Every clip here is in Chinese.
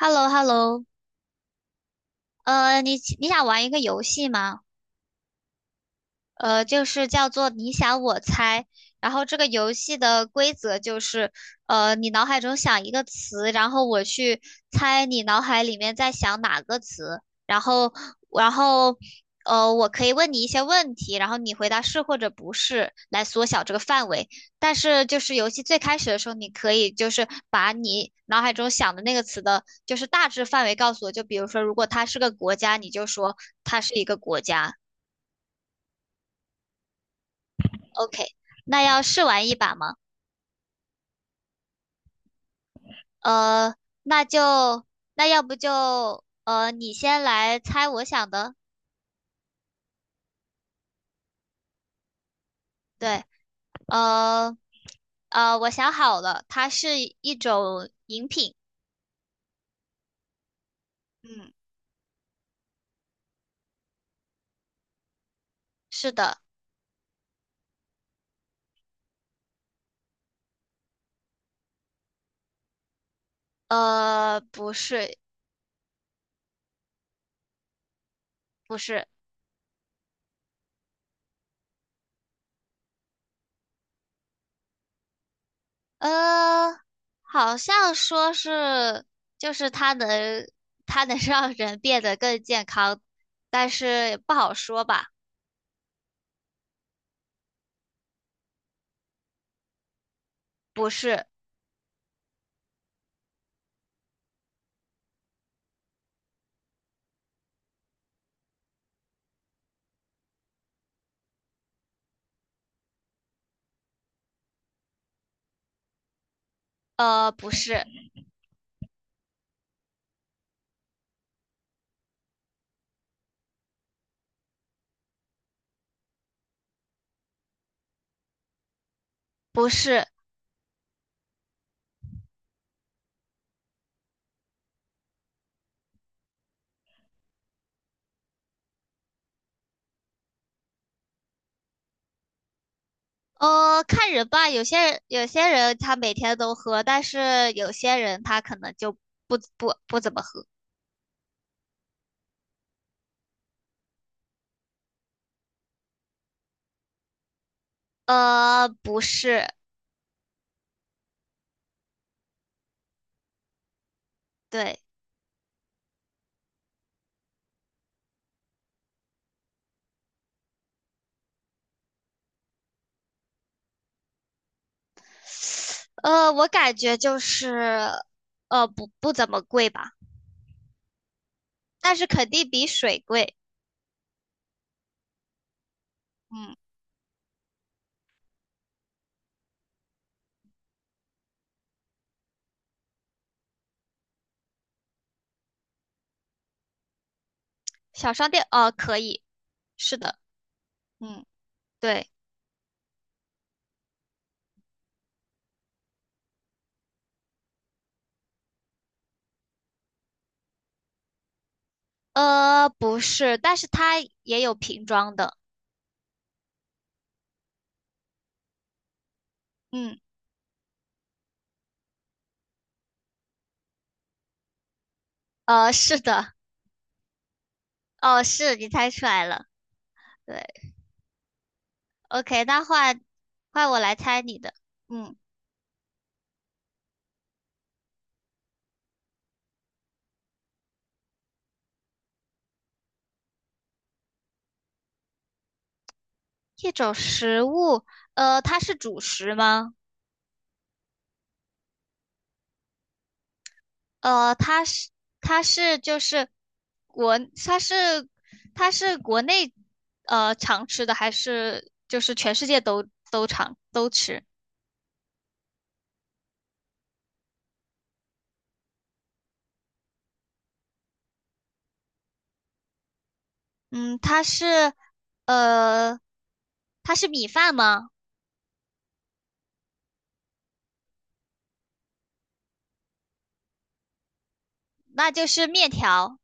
h e l l o h e l l o 你想玩一个游戏吗？就是叫做你想我猜。然后这个游戏的规则就是，你脑海中想一个词，然后我去猜你脑海里面在想哪个词，然后，然后，我可以问你一些问题，然后你回答是或者不是，来缩小这个范围。但是就是游戏最开始的时候，你可以就是把你脑海中想的那个词的，就是大致范围告诉我。就比如说，如果它是个国家，你就说它是一个国家。OK，那要试玩一把吗？呃，那就那要不就你先来猜我想的。对，呃我想好了，它是一种饮品。嗯，是的。呃，不是，不是，呃，好像说是就是它能它能让人变得更健康，但是不好说吧？不是，不是，不是。呃，看人吧，有些人他每天都喝，但是有些人他可能就不怎么喝。呃，不是，对，我感觉就是，呃，不怎么贵吧，但是肯定比水贵。嗯，小商店，呃，可以，是的，嗯，对，呃，不是，但是它也有瓶装的。嗯，呃，是的，哦，是你猜出来了，对。OK，那换换我来猜你的。嗯，一种食物，呃，它是主食吗？呃，它是它是就是国它是它是国内常吃的，还是就是全世界都常都吃？嗯，它是呃它是米饭吗？那就是面条。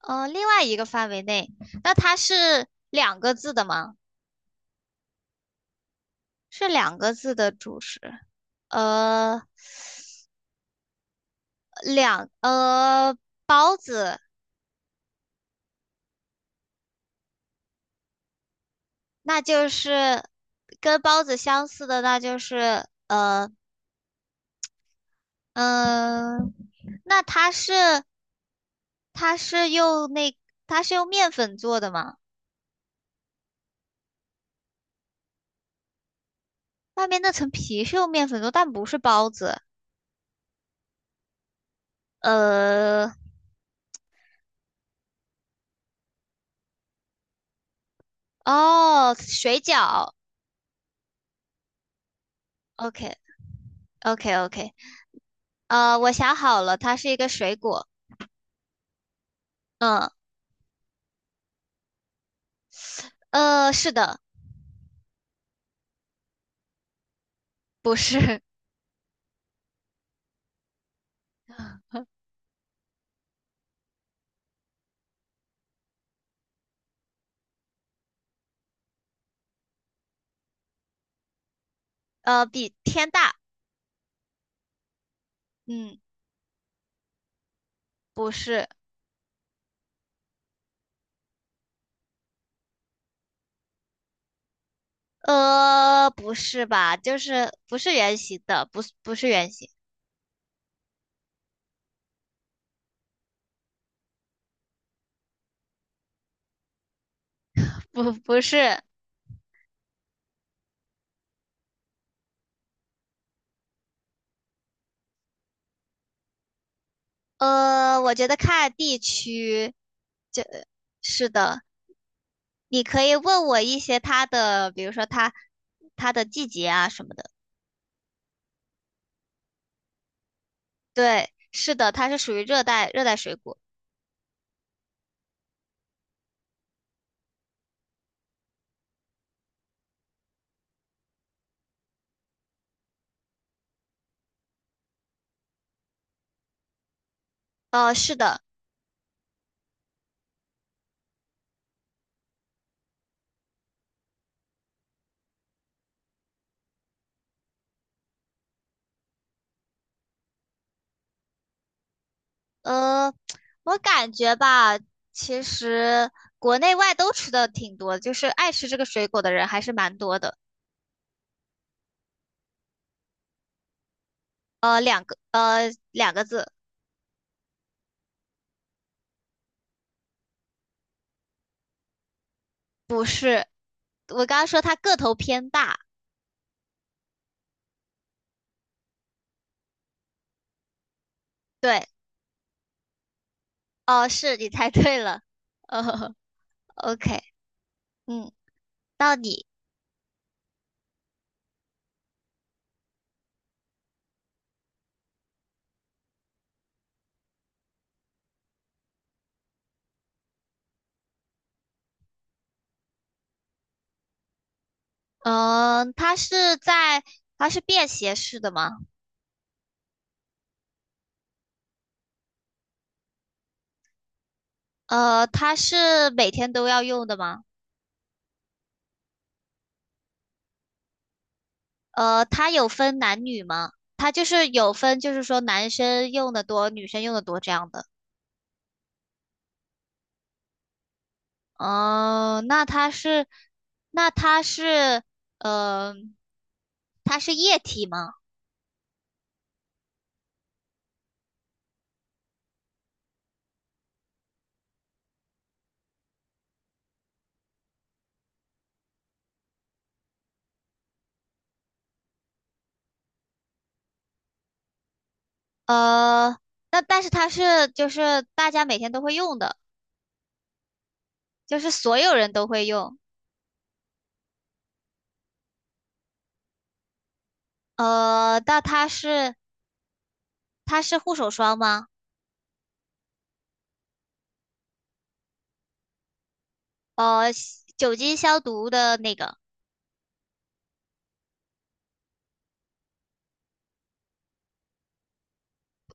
呃，另外一个范围内，那它是两个字的吗？是两个字的主食。呃，两呃包子，那就是跟包子相似的，那就是嗯、呃，那它是它是用那它是用面粉做的吗？外面那层皮是用面粉做，但不是包子。呃，哦，水饺，OK OK OK,呃，我想好了，它是一个水果。嗯，是的，不是，呃，比天大。嗯。不是，呃，不是吧？就是不是圆形的，不是圆形，不是，呃，我觉得看地区，就是的。你可以问我一些它的，比如说它的季节啊什么的。对，是的，它是属于热带水果。呃，是的，呃，我感觉吧，其实国内外都吃的挺多的就是爱吃这个水果的人还是蛮多的。两个字。我刚刚说它个头偏大，对，哦，是你猜对了，哦，OK，嗯，你，嗯，它是便携式的吗？呃，它是每天都要用的吗？呃，它有分男女吗？它就是有分，就是说男生用的多，女生用的多这样的。哦，那它是，呃，它是液体吗？呃，那但是它是就是大家每天都会用的。就是所有人都会用。呃，那它是它是护手霜吗？呃，酒精消毒的那个，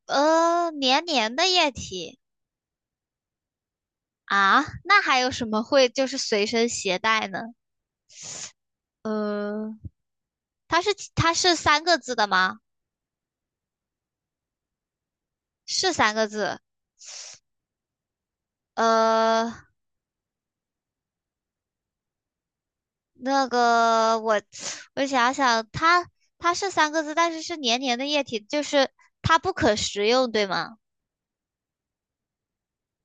呃，黏黏的液体啊，那还有什么会就是随身携带呢？呃，它是三个字的吗？是三个字。呃，那个我我想想，它它是三个字，但是是黏黏的液体，就是它不可食用，对吗？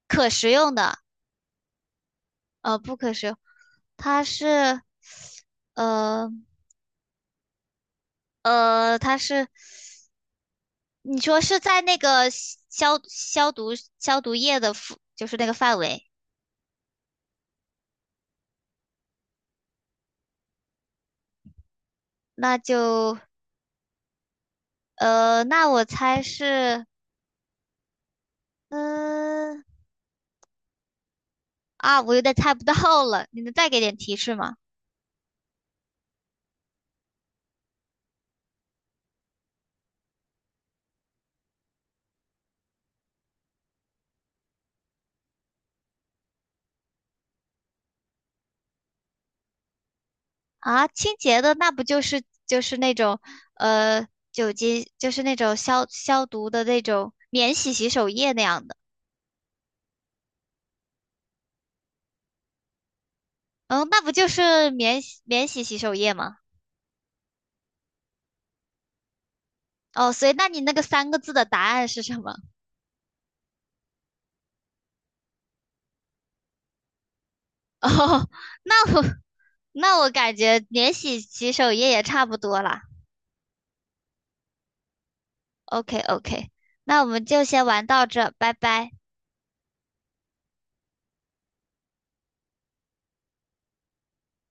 可食用的。呃，不可食用，它是，呃它是，你说是在那个消毒液的附，就是那个范围，那就，呃，那我猜是，嗯、啊，我有点猜不到了，你能再给点提示吗？啊，清洁的那不就是就是那种，呃，酒精就是那种消毒的那种免洗洗手液那样的，嗯，那不就是免洗洗手液吗？哦，所以那你那个三个字的答案是什么？哦，那我那我感觉免洗洗手液也差不多啦。OK OK，那我们就先玩到这，拜拜。